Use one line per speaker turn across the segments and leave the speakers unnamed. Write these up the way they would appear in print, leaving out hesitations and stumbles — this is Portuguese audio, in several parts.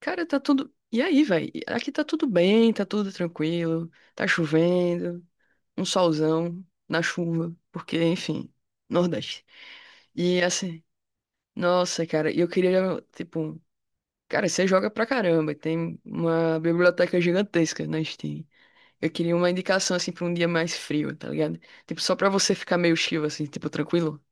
Cara, tá tudo. E aí, velho? Aqui tá tudo bem, tá tudo tranquilo, tá chovendo, um solzão na chuva, porque, enfim, Nordeste. E assim, nossa, cara, e eu queria, tipo, cara, você joga pra caramba, tem uma biblioteca gigantesca na Steam. Eu queria uma indicação, assim, pra um dia mais frio, tá ligado? Tipo, só pra você ficar meio chill, assim, tipo, tranquilo.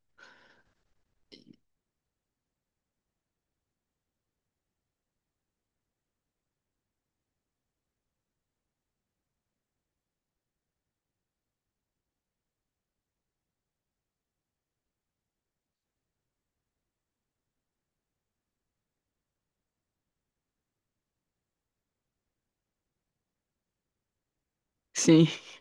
Sim.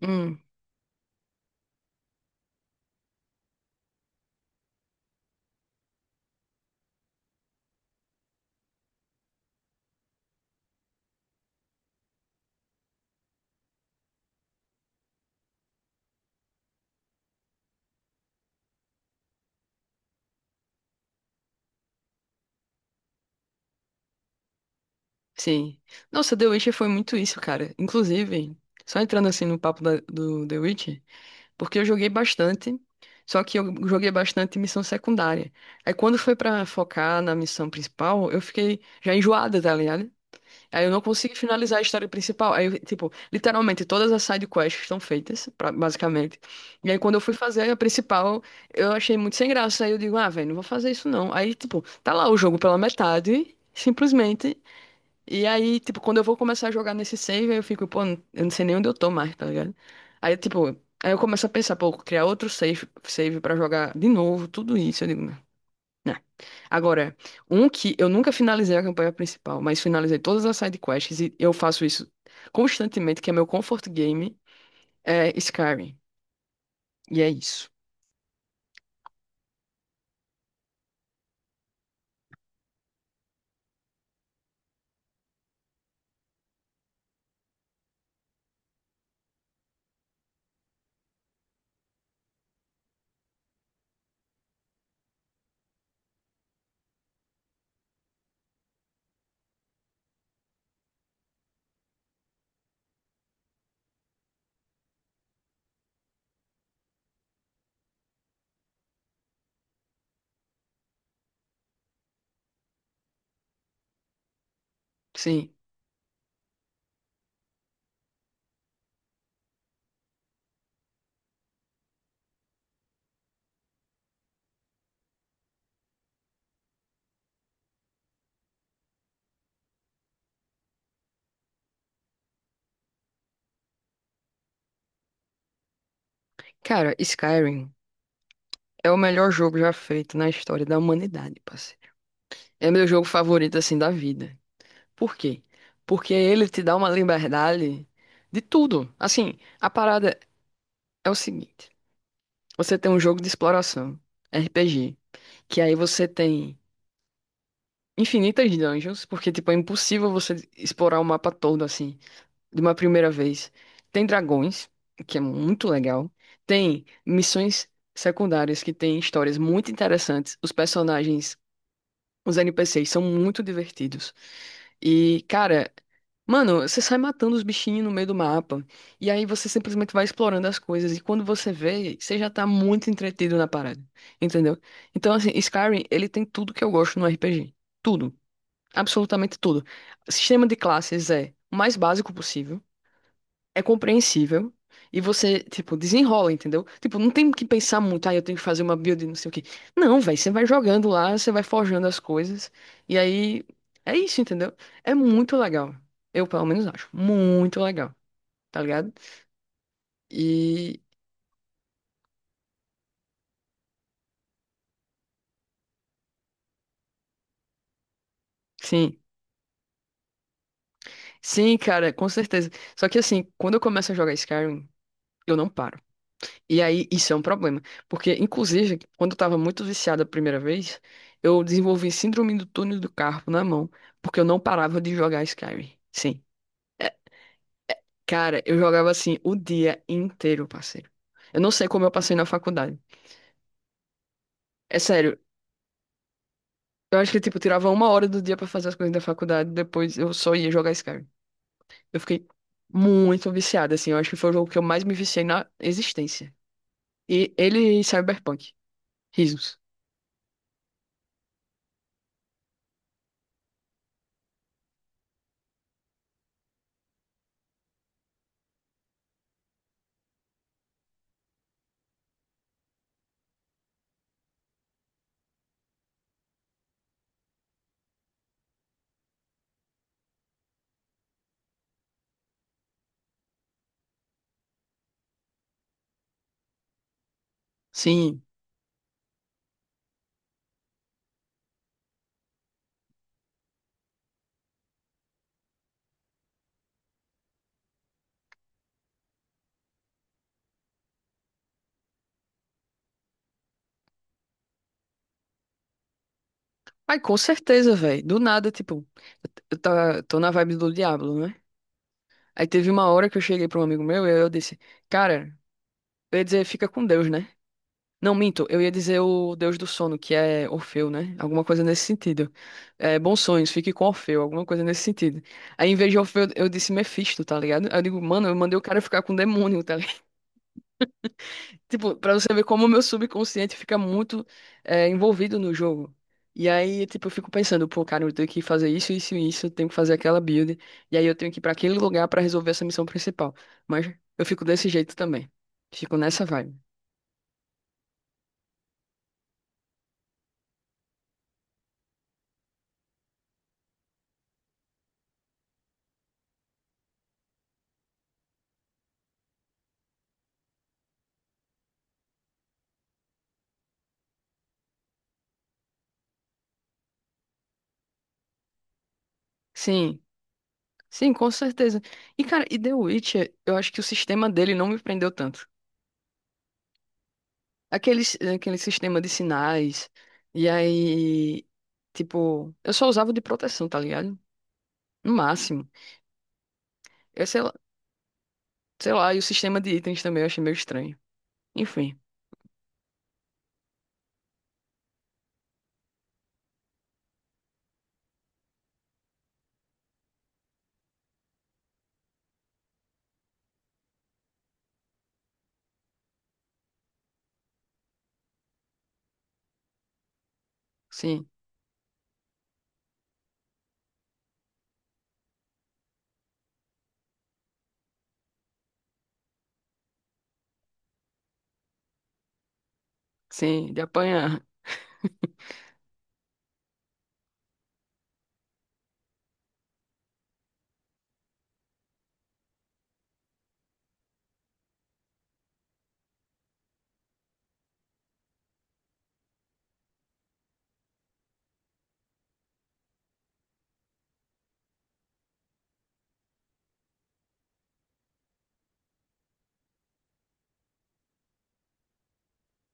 Hum, sim. Nossa, The Witcher foi muito isso, cara. Inclusive, só entrando assim no papo da- do The Witch. Porque eu joguei bastante, só que eu joguei bastante missão secundária. Aí quando foi pra focar na missão principal, eu fiquei já enjoada, tá ligado? Aí eu não consegui finalizar a história principal. Aí, eu, tipo, literalmente todas as side quests estão feitas, pra- basicamente. E aí quando eu fui fazer a principal, eu achei muito sem graça. Aí eu digo, ah, velho, não vou fazer isso não. Aí, tipo, tá lá o jogo pela metade, simplesmente. E aí, tipo, quando eu vou começar a jogar nesse save, aí eu fico, pô, eu não sei nem onde eu tô mais, tá ligado? Aí, tipo, aí eu começo a pensar, pô, criar outro save, save pra jogar de novo, tudo isso. Eu digo, não. Não. Agora, um que eu nunca finalizei a campanha principal, mas finalizei todas as side quests e eu faço isso constantemente, que é meu comfort game, é Skyrim. E é isso. Sim. Cara, Skyrim é o melhor jogo já feito na história da humanidade, parceiro. É meu jogo favorito, assim, da vida. Por quê? Porque ele te dá uma liberdade de tudo. Assim, a parada é o seguinte: você tem um jogo de exploração, RPG, que aí você tem infinitas dungeons, porque tipo é impossível você explorar o mapa todo assim de uma primeira vez. Tem dragões, que é muito legal. Tem missões secundárias que tem histórias muito interessantes. Os personagens, os NPCs são muito divertidos. E, cara, mano, você sai matando os bichinhos no meio do mapa. E aí você simplesmente vai explorando as coisas. E quando você vê, você já tá muito entretido na parada. Entendeu? Então, assim, Skyrim, ele tem tudo que eu gosto no RPG. Tudo. Absolutamente tudo. Sistema de classes é o mais básico possível, é compreensível e você, tipo, desenrola, entendeu? Tipo, não tem que pensar muito, ah, eu tenho que fazer uma build, não sei o quê. Não, velho, você vai jogando lá, você vai forjando as coisas e aí é isso, entendeu? É muito legal. Eu, pelo menos, acho muito legal, tá ligado? E sim, sim, cara, com certeza. Só que assim, quando eu começo a jogar Skyrim, eu não paro. E aí, isso é um problema. Porque, inclusive, quando eu tava muito viciado a primeira vez, eu desenvolvi síndrome do túnel do carpo na mão, porque eu não parava de jogar Skyrim. Sim. É, cara, eu jogava assim o dia inteiro, parceiro. Eu não sei como eu passei na faculdade. É sério, eu acho que, tipo, eu tirava uma hora do dia pra fazer as coisas da faculdade, depois eu só ia jogar Skyrim. Eu fiquei muito viciado, assim. Eu acho que foi o jogo que eu mais me viciei na existência. E ele e Cyberpunk. Risos. Sim. Ai, com certeza, velho. Do nada, tipo, tô na vibe do Diablo, né? Aí teve uma hora que eu cheguei pra um amigo meu e eu disse, cara, eu ia dizer fica com Deus, né? Não, minto, eu ia dizer o Deus do sono, que é Orfeu, né? Alguma coisa nesse sentido. É, bons sonhos, fique com Orfeu, alguma coisa nesse sentido. Aí, em vez de Orfeu, eu disse Mephisto, tá ligado? Aí eu digo, mano, eu mandei o cara ficar com o demônio, tá. Tipo, pra você ver como o meu subconsciente fica muito, é, envolvido no jogo. E aí, tipo, eu fico pensando, pô, cara, eu tenho que fazer isso, isso e isso, eu tenho que fazer aquela build, e aí eu tenho que ir pra aquele lugar pra resolver essa missão principal. Mas eu fico desse jeito também. Fico nessa vibe. Sim, sim, com certeza. E, cara, e The Witcher, eu acho que o sistema dele não me prendeu tanto. Aquele, aquele sistema de sinais, e aí, tipo, eu só usava o de proteção, tá ligado? No máximo. Eu, sei Sei lá, e o sistema de itens também eu achei meio estranho. Enfim, sim, sim, de apanhar.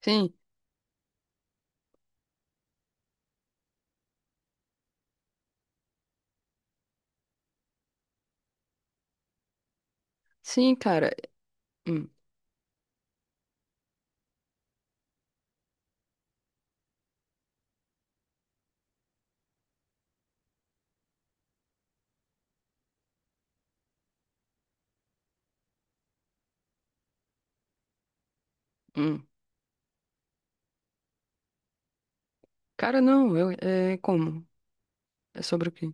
Sim, sim, cara. Hum, hum. Cara, não, eu, é como? É sobre o quê?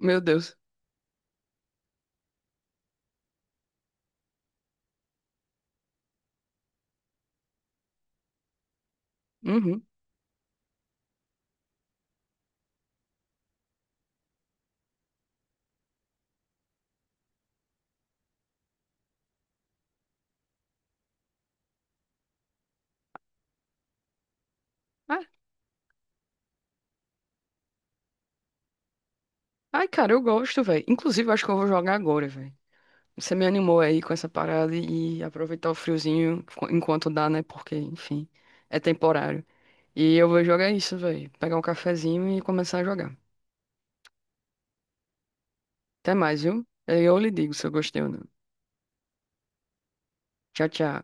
Meu Deus. Uhum. Ah, ai, cara, eu gosto, velho. Inclusive, eu acho que eu vou jogar agora, velho. Você me animou aí com essa parada e aproveitar o friozinho enquanto dá, né? Porque, enfim, é temporário. E eu vou jogar isso, velho. Pegar um cafezinho e começar a jogar. Até mais, viu? Aí eu lhe digo se eu gostei ou não. Tchau, tchau.